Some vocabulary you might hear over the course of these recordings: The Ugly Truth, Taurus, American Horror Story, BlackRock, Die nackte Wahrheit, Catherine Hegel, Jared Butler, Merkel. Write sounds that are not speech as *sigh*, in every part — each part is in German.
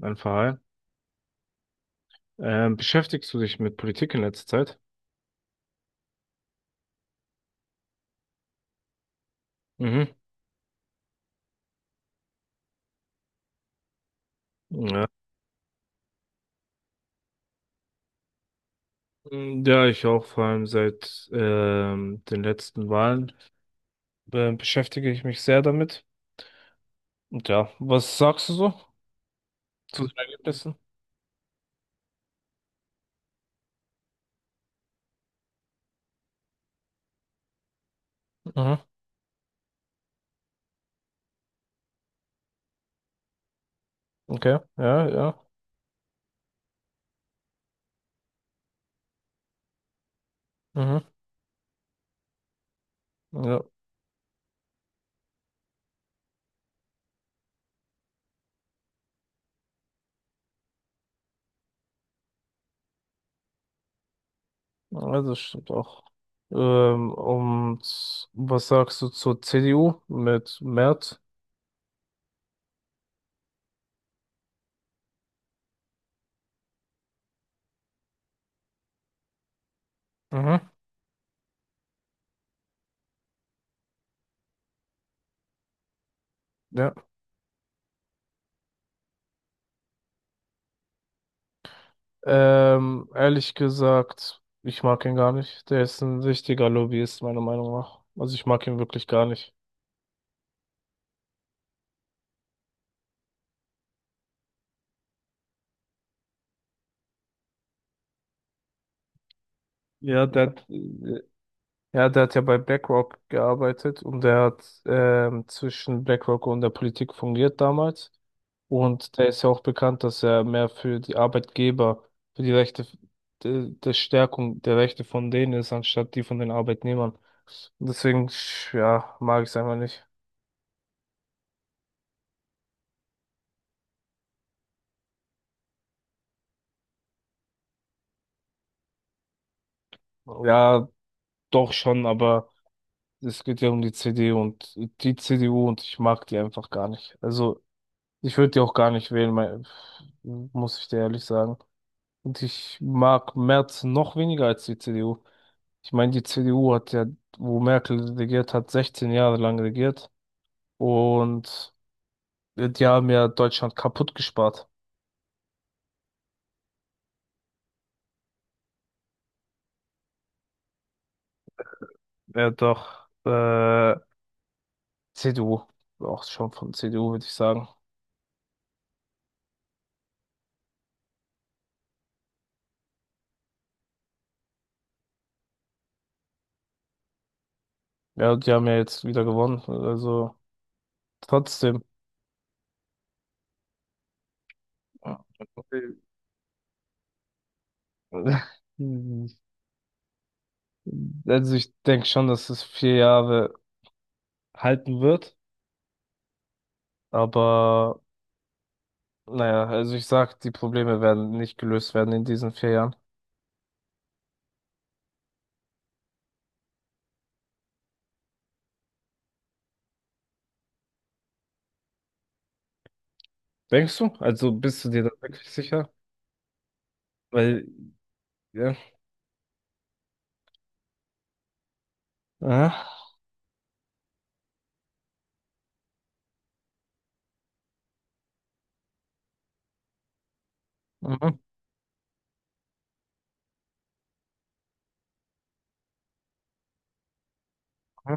Ein Verein. Beschäftigst du dich mit Politik in letzter Zeit? Mhm. Ja. Ja, ich auch, vor allem seit den letzten Wahlen beschäftige ich mich sehr damit. Und ja, was sagst du so zu den Ergebnissen? Mhm. Okay, ja, ja. Mhm. Ja, also das stimmt auch. Und was sagst du zur CDU mit Merz? Mhm. Ja. Ehrlich gesagt, ich mag ihn gar nicht. Der ist ein richtiger Lobbyist, meiner Meinung nach. Also ich mag ihn wirklich gar nicht. Ja, der hat, ja, der hat ja bei BlackRock gearbeitet und der hat zwischen BlackRock und der Politik fungiert damals. Und der ist ja auch bekannt, dass er mehr für die Arbeitgeber, für die Rechte, der Stärkung der Rechte von denen ist, anstatt die von den Arbeitnehmern. Und deswegen, ja, mag ich es einfach nicht. Ja, doch schon, aber es geht ja um die CD und die CDU und ich mag die einfach gar nicht. Also ich würde die auch gar nicht wählen, mein, muss ich dir ehrlich sagen. Und ich mag Merz noch weniger als die CDU. Ich meine, die CDU hat ja, wo Merkel regiert hat, 16 Jahre lang regiert und die haben ja Deutschland kaputt gespart. Ja, doch, CDU, auch schon von CDU würde ich sagen. Ja, die haben ja jetzt wieder gewonnen, also trotzdem. *laughs* Also ich denke schon, dass es 4 Jahre halten wird, aber naja, also ich sag, die Probleme werden nicht gelöst werden in diesen 4 Jahren. Denkst du? Also bist du dir da wirklich sicher? Weil, ja. Aha. Mhm. Mhm.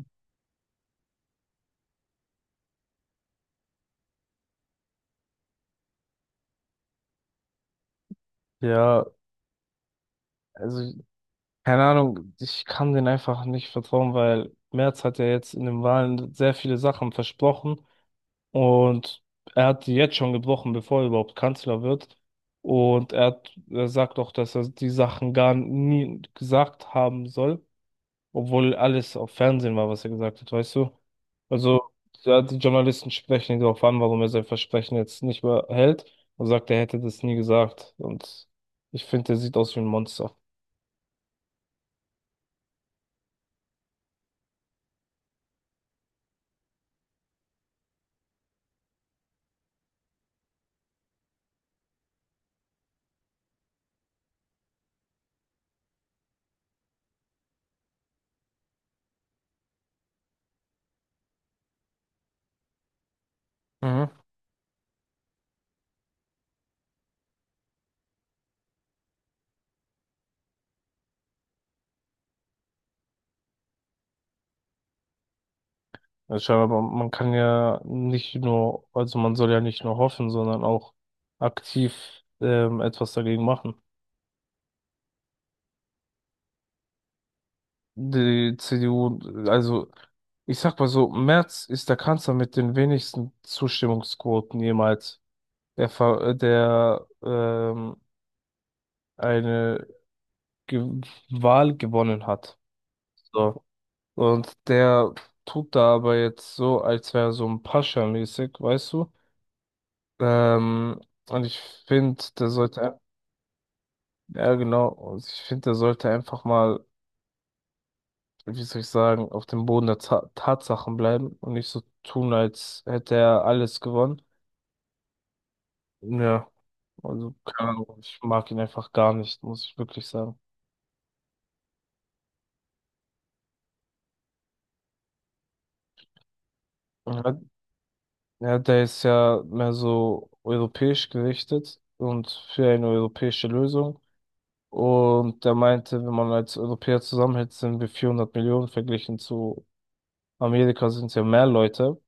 Ja, also keine Ahnung, ich kann denen einfach nicht vertrauen, weil Merz hat ja jetzt in den Wahlen sehr viele Sachen versprochen. Und er hat die jetzt schon gebrochen, bevor er überhaupt Kanzler wird. Und er hat, er sagt auch, dass er die Sachen gar nie gesagt haben soll, obwohl alles auf Fernsehen war, was er gesagt hat, weißt du? Also, ja, die Journalisten sprechen ihn darauf an, warum er sein Versprechen jetzt nicht mehr hält und sagt, er hätte das nie gesagt. Und ich finde, er sieht aus wie ein Monster. Mhm. Ja, scheinbar, man kann ja nicht nur, also man soll ja nicht nur hoffen, sondern auch aktiv etwas dagegen machen. Die CDU, also ich sag mal so, Merz ist der Kanzler mit den wenigsten Zustimmungsquoten jemals, der eine Ge Wahl gewonnen hat. So. Und der tut da aber jetzt so, als wäre er so ein Pascha-mäßig, weißt du? Ähm, und ich finde, ja genau, und ich finde, der sollte einfach mal, wie soll ich sagen, auf dem Boden der Ta Tatsachen bleiben und nicht so tun, als hätte er alles gewonnen. Ja, also keine Ahnung, ich mag ihn einfach gar nicht, muss ich wirklich sagen. Ja, ja, der ist ja mehr so europäisch gerichtet und für eine europäische Lösung. Und der meinte, wenn man als Europäer zusammenhält, sind wir 400 Millionen, verglichen zu Amerika sind es ja mehr Leute.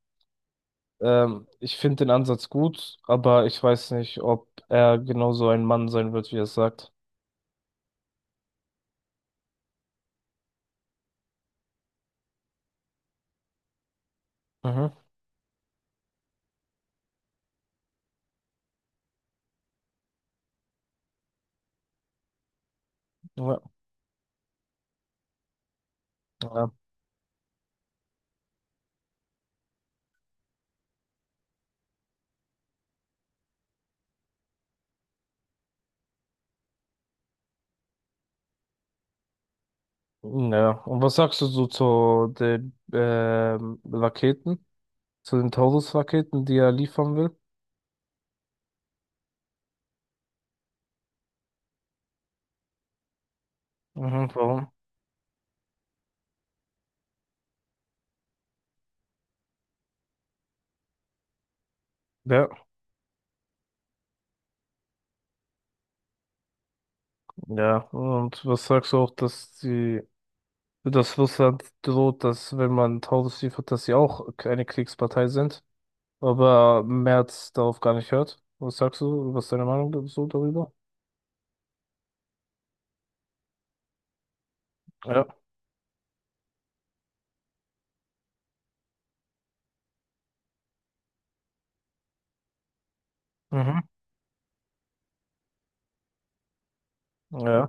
Ich finde den Ansatz gut, aber ich weiß nicht, ob er genauso ein Mann sein wird, wie er es sagt. Mhm. Ja. Ja. Ja. Ja. Und was sagst du so zu den Raketen, zu den Taurus-Raketen, die er liefern will? Mhm, warum? Ja, ja. Und was sagst du auch, dass die, dass Russland droht, dass wenn man Taurus liefert, dass sie auch eine Kriegspartei sind, aber Merz darauf gar nicht hört? Was sagst du? Was ist deine Meinung so darüber? Ja. Mhm. Ja.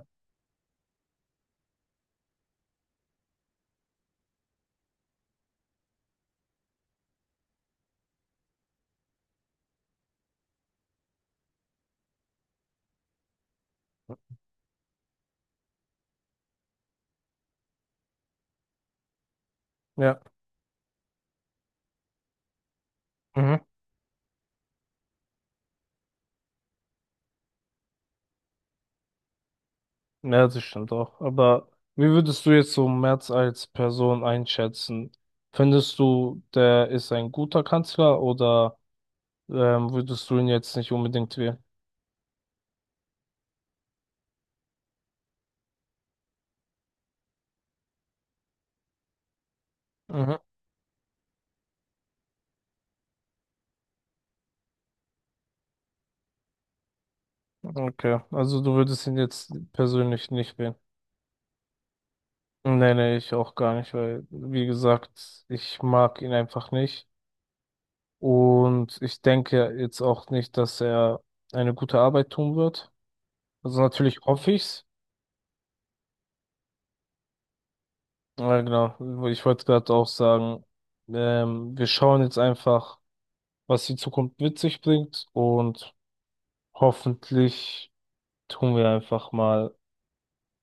Ja. Mhm. Ja, das stimmt auch. Aber wie würdest du jetzt so Merz als Person einschätzen? Findest du, der ist ein guter Kanzler oder würdest du ihn jetzt nicht unbedingt wählen? Mhm. Okay, also du würdest ihn jetzt persönlich nicht wählen. Nee, nee, ich auch gar nicht, weil, wie gesagt, ich mag ihn einfach nicht. Und ich denke jetzt auch nicht, dass er eine gute Arbeit tun wird. Also natürlich hoffe ich's. Ja, genau. Ich wollte gerade auch sagen, wir schauen jetzt einfach, was die Zukunft mit sich bringt und hoffentlich tun wir einfach mal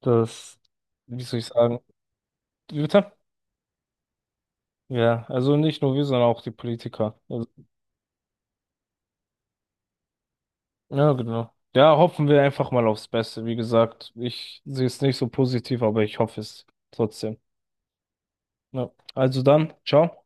das, wie soll ich sagen. Wie bitte? Ja, also nicht nur wir, sondern auch die Politiker. Also, ja, genau. Ja, hoffen wir einfach mal aufs Beste. Wie gesagt, ich sehe es nicht so positiv, aber ich hoffe es trotzdem. Ja. Also dann, ciao.